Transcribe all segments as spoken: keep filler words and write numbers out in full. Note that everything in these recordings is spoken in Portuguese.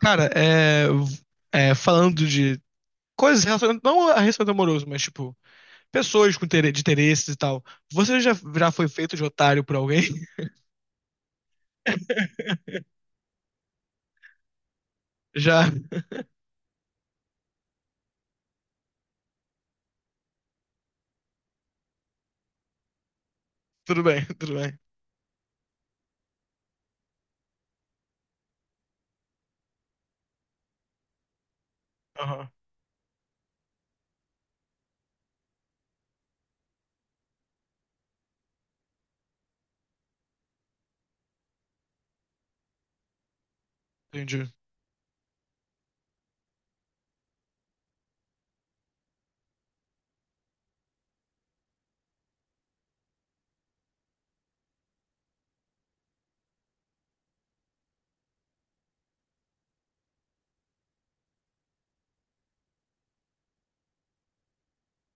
Cara, é, é, falando de coisas relacionadas, não a relacionamento amoroso, mas tipo, pessoas com intere- de interesses e tal. Você já, já foi feito de otário por alguém? Já? Tudo bem, tudo bem. Aham, entendi.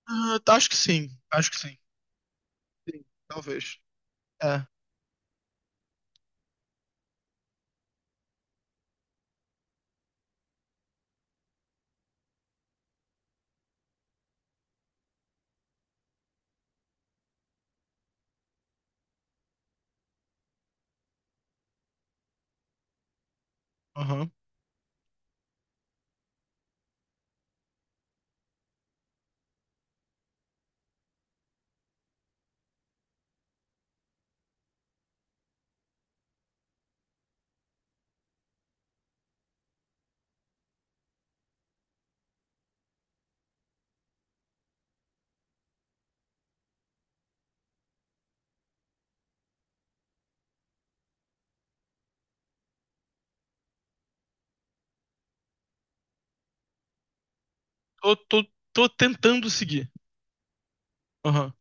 Ah, acho que sim, acho que sim. Sim, talvez. É, aham. Tô, tô, tô tentando seguir. Aham.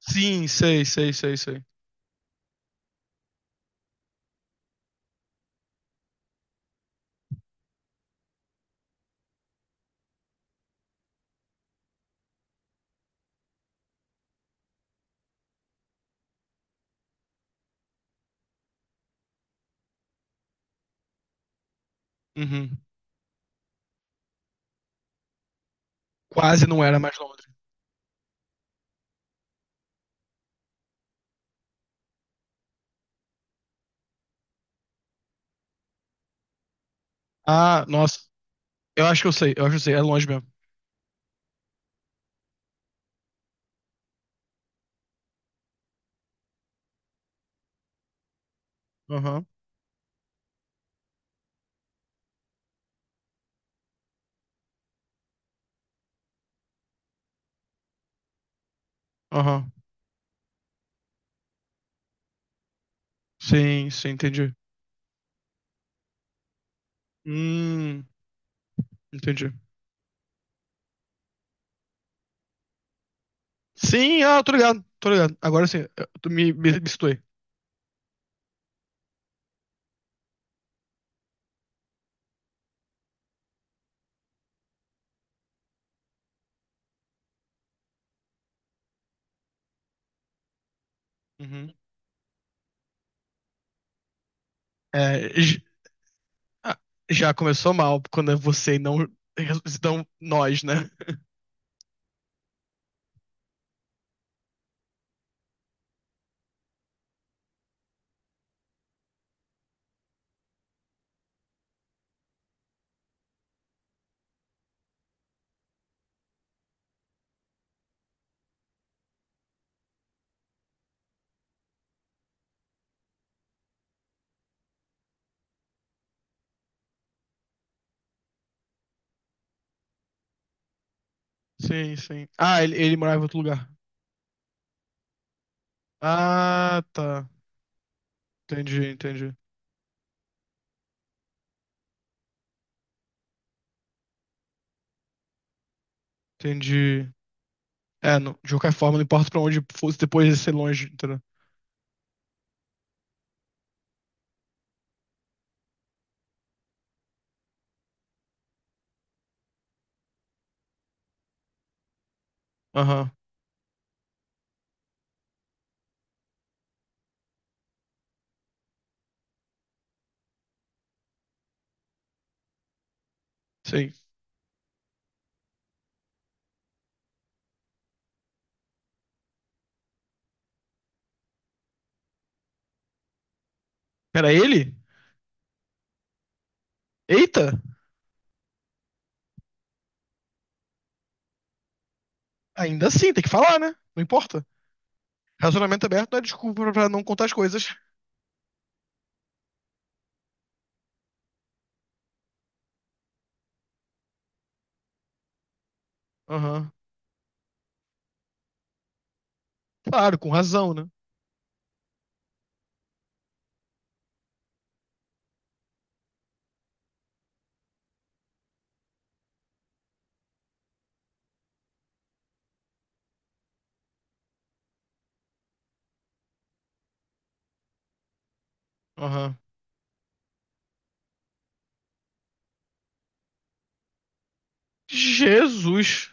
Sim, sei, sei, sei, sei. Uhum. Quase não era mais Londres. Ah, nossa. Eu acho que eu sei, eu acho que eu sei. É longe mesmo. Aham, aham. Sim, sim, entendi. Hum, entendi. Sim, ah, tô ligado, tô ligado. Agora sim, eu- tu me, me, me situei. Uhum. É, j- ah, já começou mal quando é você e não, não nós, né? Sim, sim. Ah, ele, ele morava em outro lugar. Ah, tá. Entendi, entendi. Entendi. É, não- de qualquer forma, não importa pra onde fosse depois de ser longe, entendeu? Aham, sei. Era ele? Eita! Ainda assim, tem que falar, né? Não importa. Relacionamento aberto não é desculpa pra não contar as coisas. Aham. Claro, com razão, né? Aham. Jesus!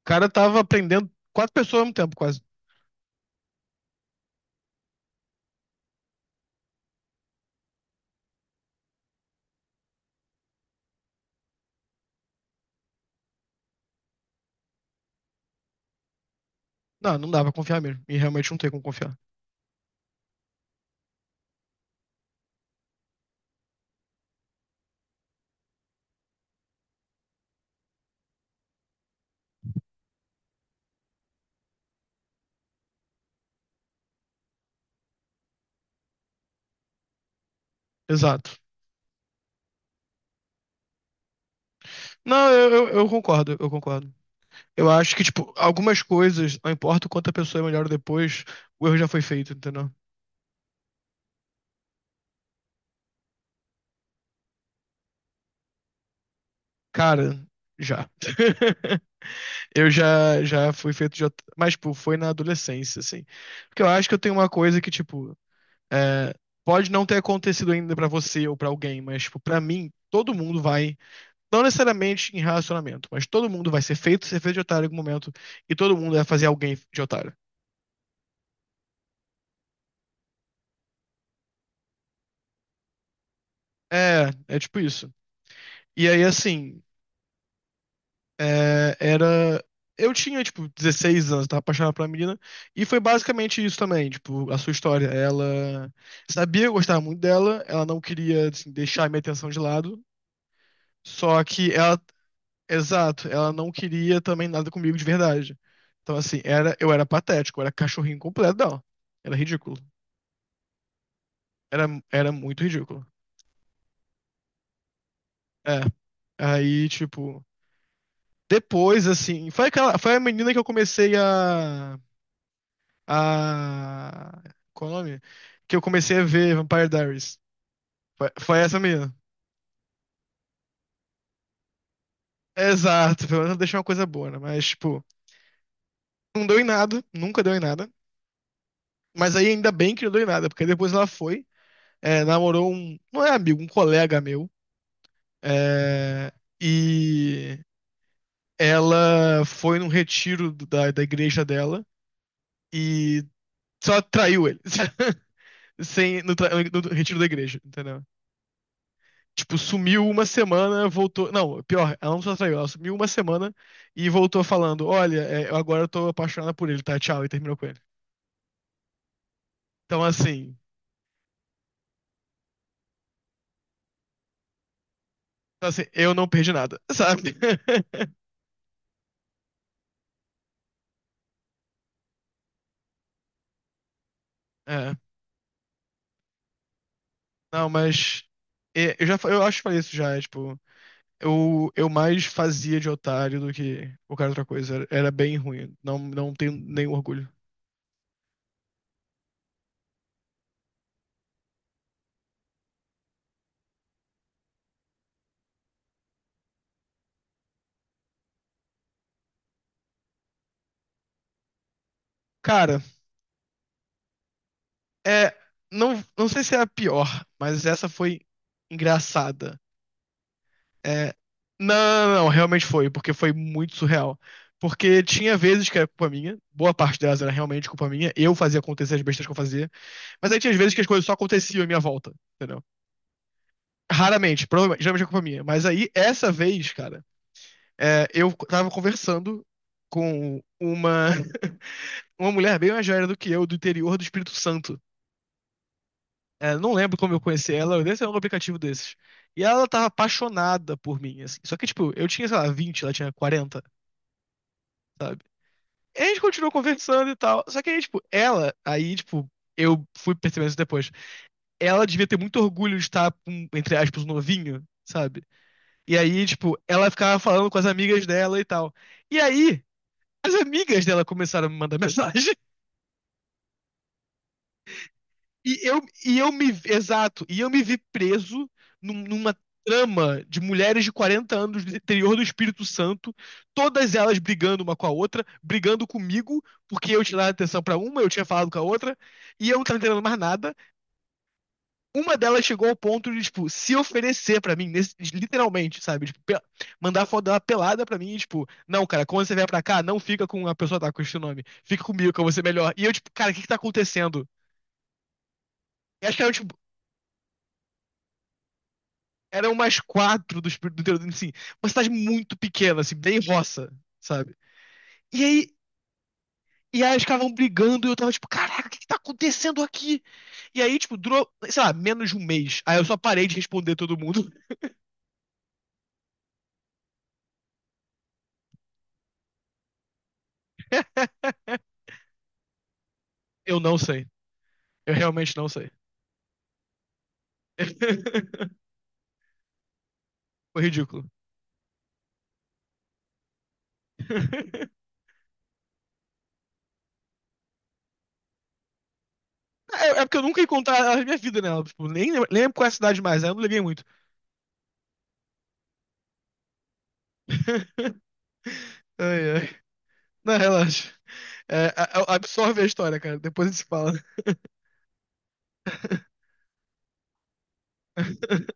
O cara tava aprendendo quatro pessoas ao mesmo tempo, quase. Não, não dá pra confiar mesmo. E realmente não tem como confiar. Exato. Não, eu, eu, eu concordo, eu concordo. Eu acho que, tipo, algumas coisas, não importa o quanto a pessoa é melhor depois, o erro já foi feito, entendeu? Cara, já. Eu já já fui feito de. at- Mas, tipo, foi na adolescência, assim. Porque eu acho que eu tenho uma coisa que, tipo, é, pode não ter acontecido ainda pra você ou pra alguém, mas, tipo, pra mim, todo mundo vai. Não necessariamente em relacionamento, mas todo mundo vai ser feito, ser feito de otário em algum momento. E todo mundo vai fazer alguém de otário. É, é tipo isso. E aí, assim. É, era. Eu tinha, tipo, dezesseis anos, tava apaixonado pela menina. E foi basicamente isso também, tipo, a sua história. Ela sabia que eu gostava muito dela, ela não queria, assim, deixar a minha atenção de lado. Só que ela. Exato, ela não queria também nada comigo de verdade. Então, assim, era, eu era patético, eu era cachorrinho completo dela. Era ridículo. Era, era muito ridículo. É. Aí, tipo. Depois, assim. Foi, aquela, foi a menina que eu comecei a a. Qual o nome? Que eu comecei a ver Vampire Diaries. Foi, foi essa menina. Exato, pelo menos deixou uma coisa boa, né? Mas, tipo, não deu em nada, nunca deu em nada. Mas aí ainda bem que não deu em nada, porque depois ela foi, é, namorou um. Não é amigo, um colega meu. É, e ela foi num retiro do- da, da igreja dela e só traiu ele. Sem, no, tra- no retiro da igreja, entendeu? Tipo, sumiu uma semana, voltou. Não, pior, ela não só saiu, ela sumiu uma semana e voltou falando: Olha, é, eu agora tô apaixonada por ele, tá? Tchau, e terminou com ele. Então, assim, então, assim eu não perdi nada, sabe? É, não, mas. É, eu já fa- eu acho que falei isso já, é, tipo. Eu, eu mais fazia de otário do que qualquer outra coisa. Era, era bem ruim. Não, não tenho nenhum orgulho. Cara, é. Não, não sei se é a pior, mas essa foi engraçada. É, não, não, não, realmente foi, porque foi muito surreal. Porque tinha vezes que era culpa minha, boa parte delas era realmente culpa minha, eu fazia acontecer as besteiras que eu fazia, mas aí tinha vezes que as coisas só aconteciam em minha volta, entendeu? Raramente, provavelmente, geralmente é culpa minha. Mas aí, essa vez, cara, é, eu tava conversando com uma, uma mulher bem mais velha do que eu, do interior do Espírito Santo. É, não lembro como eu conheci ela, eu nem sei um aplicativo desses. E ela tava apaixonada por mim, assim. Só que, tipo, eu tinha, sei lá, vinte ela tinha quarenta. E a gente continuou conversando e tal. Só que aí, tipo, ela, aí, tipo, eu fui percebendo isso depois. Ela devia ter muito orgulho de estar, com, entre aspas, um novinho, sabe? E aí, tipo, ela ficava falando com as amigas dela e tal. E aí, as amigas dela começaram a me mandar mensagem. E eu, e eu me, exato, e eu me vi preso num- numa trama de mulheres de quarenta anos do interior do Espírito Santo, todas elas brigando uma com a outra, brigando comigo, porque eu tinha dado atenção pra uma, eu tinha falado com a outra, e eu não tava entendendo mais nada. Uma delas chegou ao ponto de, tipo, se oferecer pra mim, nesse- literalmente, sabe? Tipo, pe- mandar foto dela pelada pra mim, e, tipo, não, cara, quando você vier pra cá, não fica com a pessoa que tá com esse nome, fica comigo, que eu vou ser melhor. E eu, tipo, cara, o que que tá acontecendo? Eu acho que era, tipo, eram mais quatro do espírito do interior, assim, uma cidade muito pequena, assim, bem roça, sabe? E aí, e aí eles ficavam brigando e eu tava tipo, caraca, o que que tá acontecendo aqui? E aí, tipo, durou, sei lá, menos de um mês. Aí eu só parei de responder todo mundo. Eu não sei. Eu realmente não sei. Foi ridículo. É, é porque eu nunca encontrei contar a minha vida nela. Tipo, nem lembro, nem lembro qual é a cidade mais, aí eu não liguei muito. Ai, ai. Não, relaxa. É, a- a- absorve a história, cara. Depois a gente se fala.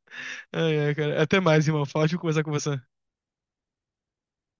Ai, ai, cara. Até mais, irmão. Foi ótimo conversar com você.